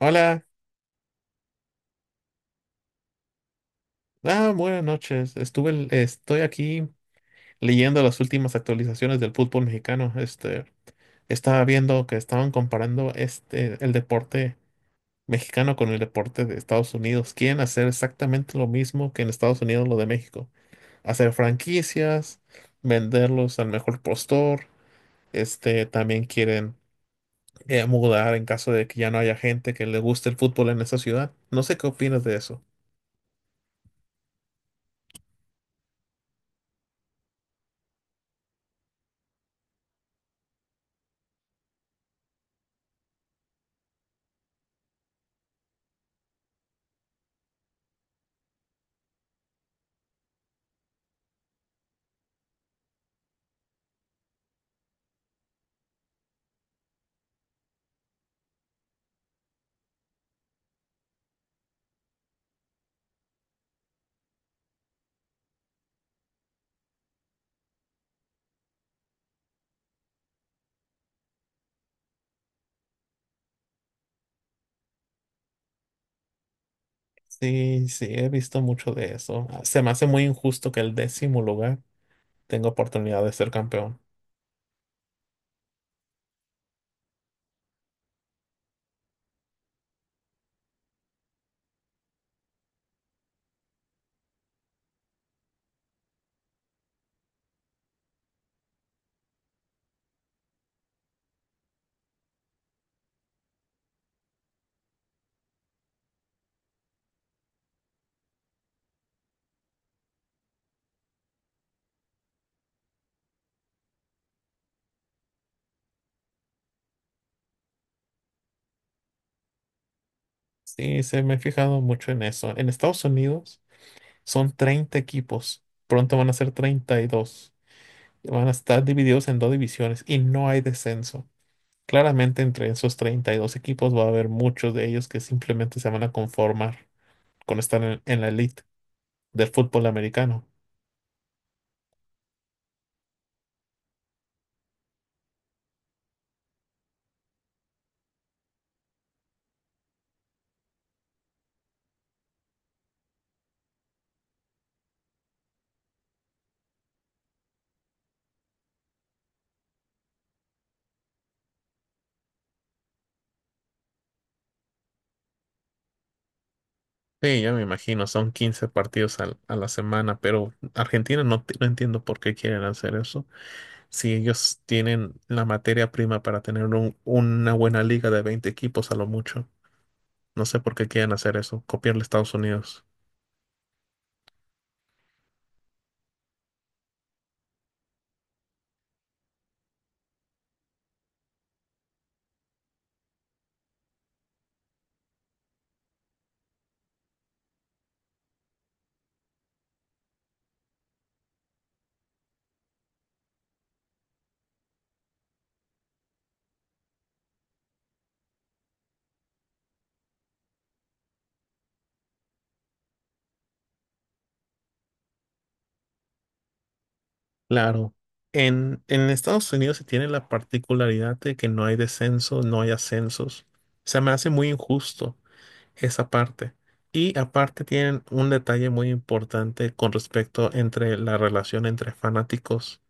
Hola, buenas noches. Estoy aquí leyendo las últimas actualizaciones del fútbol mexicano. Estaba viendo que estaban comparando el deporte mexicano con el deporte de Estados Unidos. Quieren hacer exactamente lo mismo que en Estados Unidos lo de México. Hacer franquicias, venderlos al mejor postor. También quieren mudar en caso de que ya no haya gente que le guste el fútbol en esa ciudad. No sé qué opinas de eso. Sí, sí, he visto mucho de eso. Se me hace muy injusto que el décimo lugar tenga oportunidad de ser campeón. Sí, se me he fijado mucho en eso. En Estados Unidos son 30 equipos. Pronto van a ser 32. Y van a estar divididos en dos divisiones y no hay descenso. Claramente entre esos 32 equipos va a haber muchos de ellos que simplemente se van a conformar con estar en la elite del fútbol americano. Sí, ya me imagino, son 15 partidos a la semana, pero Argentina no, no entiendo por qué quieren hacer eso. Si ellos tienen la materia prima para tener una buena liga de 20 equipos a lo mucho, no sé por qué quieren hacer eso, copiarle a Estados Unidos. Claro. En Estados Unidos se tiene la particularidad de que no hay descenso, no hay ascensos. Se me hace muy injusto esa parte. Y aparte tienen un detalle muy importante con respecto entre la relación entre fanáticos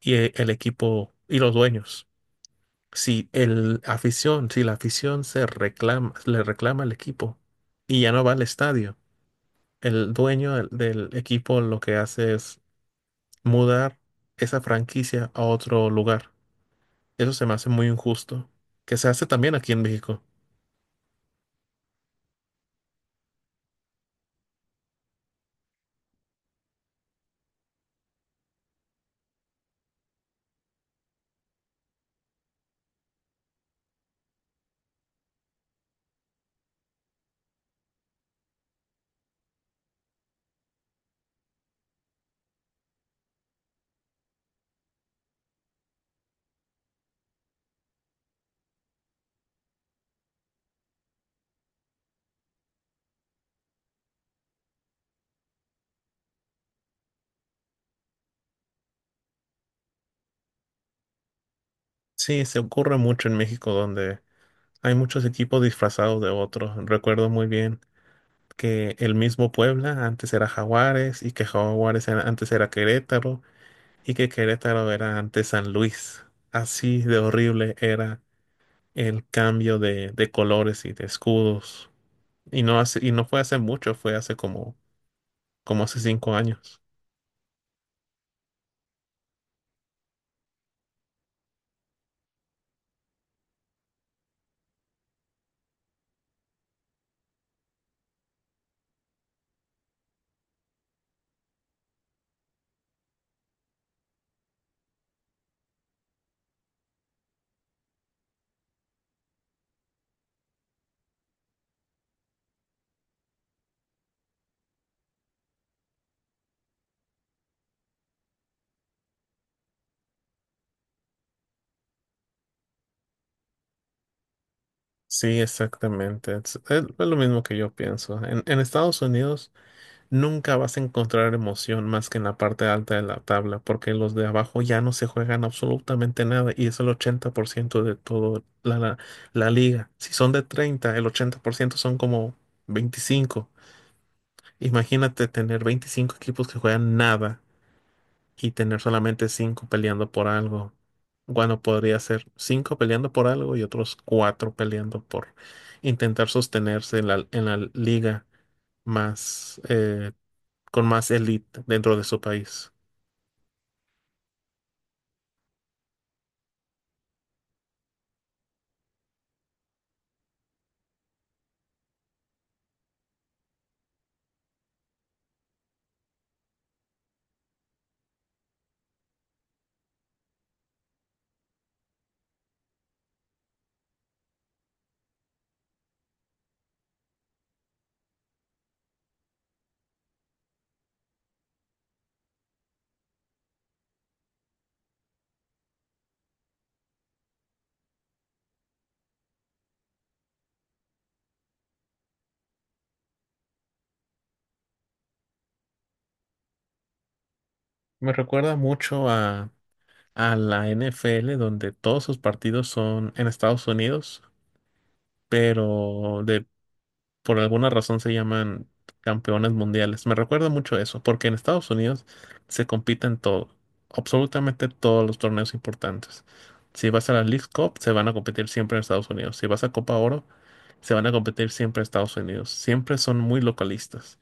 y el equipo y los dueños. Si la afición se reclama, le reclama al equipo y ya no va al estadio, el dueño del equipo lo que hace es mudar esa franquicia a otro lugar. Eso se me hace muy injusto, que se hace también aquí en México. Sí, se ocurre mucho en México donde hay muchos equipos disfrazados de otros. Recuerdo muy bien que el mismo Puebla antes era Jaguares y que Jaguares antes era Querétaro y que Querétaro era antes San Luis. Así de horrible era el cambio de colores y de escudos. Y no fue hace mucho, fue hace como hace 5 años. Sí, exactamente. Es lo mismo que yo pienso. En Estados Unidos nunca vas a encontrar emoción más que en la parte alta de la tabla, porque los de abajo ya no se juegan absolutamente nada y es el 80% de toda la liga. Si son de 30, el 80% son como 25. Imagínate tener 25 equipos que juegan nada y tener solamente cinco peleando por algo. Bueno, podría ser cinco peleando por algo y otros cuatro peleando por intentar sostenerse en la liga más con más elite dentro de su país. Me recuerda mucho a la NFL, donde todos sus partidos son en Estados Unidos, pero de por alguna razón se llaman campeones mundiales. Me recuerda mucho eso, porque en Estados Unidos se compite en todo, absolutamente todos los torneos importantes. Si vas a la Leagues Cup, se van a competir siempre en Estados Unidos. Si vas a Copa Oro, se van a competir siempre en Estados Unidos. Siempre son muy localistas.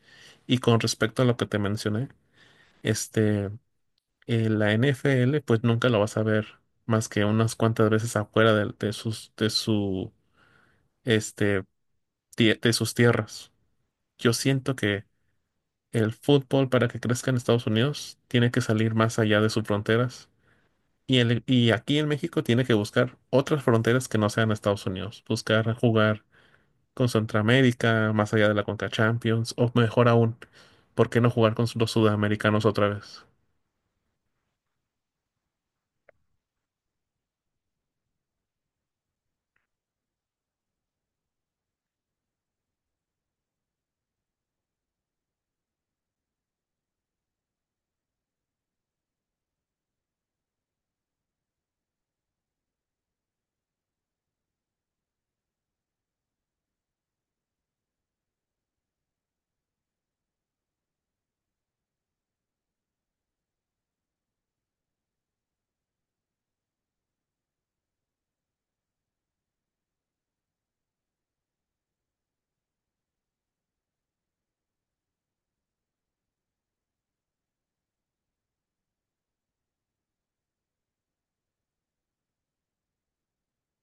Y con respecto a lo que te mencioné, este, la NFL, pues nunca lo vas a ver más que unas cuantas veces afuera este, de sus tierras. Yo siento que el fútbol para que crezca en Estados Unidos tiene que salir más allá de sus fronteras y, y aquí en México tiene que buscar otras fronteras que no sean Estados Unidos, buscar jugar con Centroamérica, más allá de la Conca Champions o mejor aún, ¿por qué no jugar con los sudamericanos otra vez?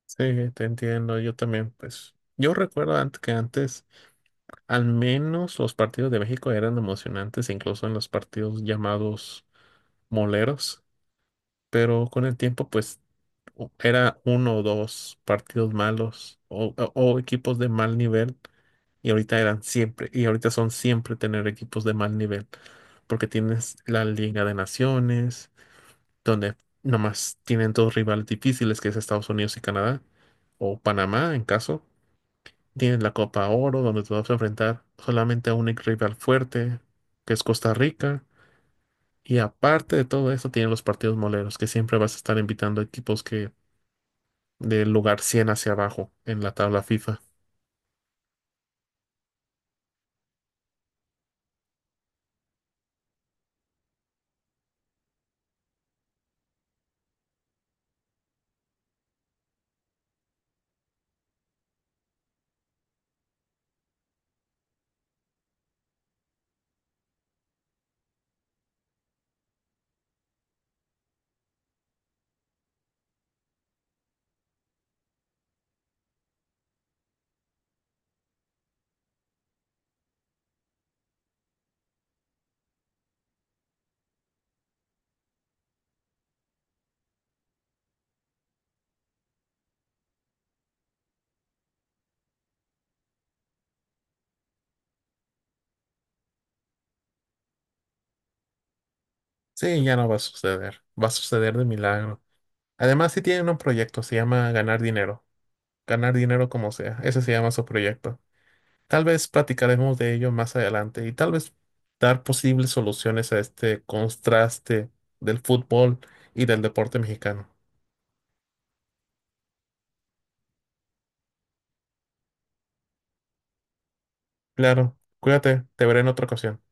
Sí, te entiendo, yo también, pues yo recuerdo antes que antes al menos los partidos de México eran emocionantes, incluso en los partidos llamados moleros, pero con el tiempo pues era uno o dos partidos malos o equipos de mal nivel, y ahorita son siempre tener equipos de mal nivel, porque tienes la Liga de Naciones, donde nomás tienen dos rivales difíciles, que es Estados Unidos y Canadá, o Panamá en caso, tienes la Copa Oro, donde te vas a enfrentar solamente a un ex rival fuerte, que es Costa Rica. Y aparte de todo eso, tienen los partidos moleros, que siempre vas a estar invitando a equipos que del lugar 100 hacia abajo en la tabla FIFA. Sí, ya no va a suceder. Va a suceder de milagro. Además, sí tienen un proyecto, se llama ganar dinero. Ganar dinero como sea. Ese se llama su proyecto. Tal vez platicaremos de ello más adelante y tal vez dar posibles soluciones a este contraste del fútbol y del deporte mexicano. Claro, cuídate, te veré en otra ocasión.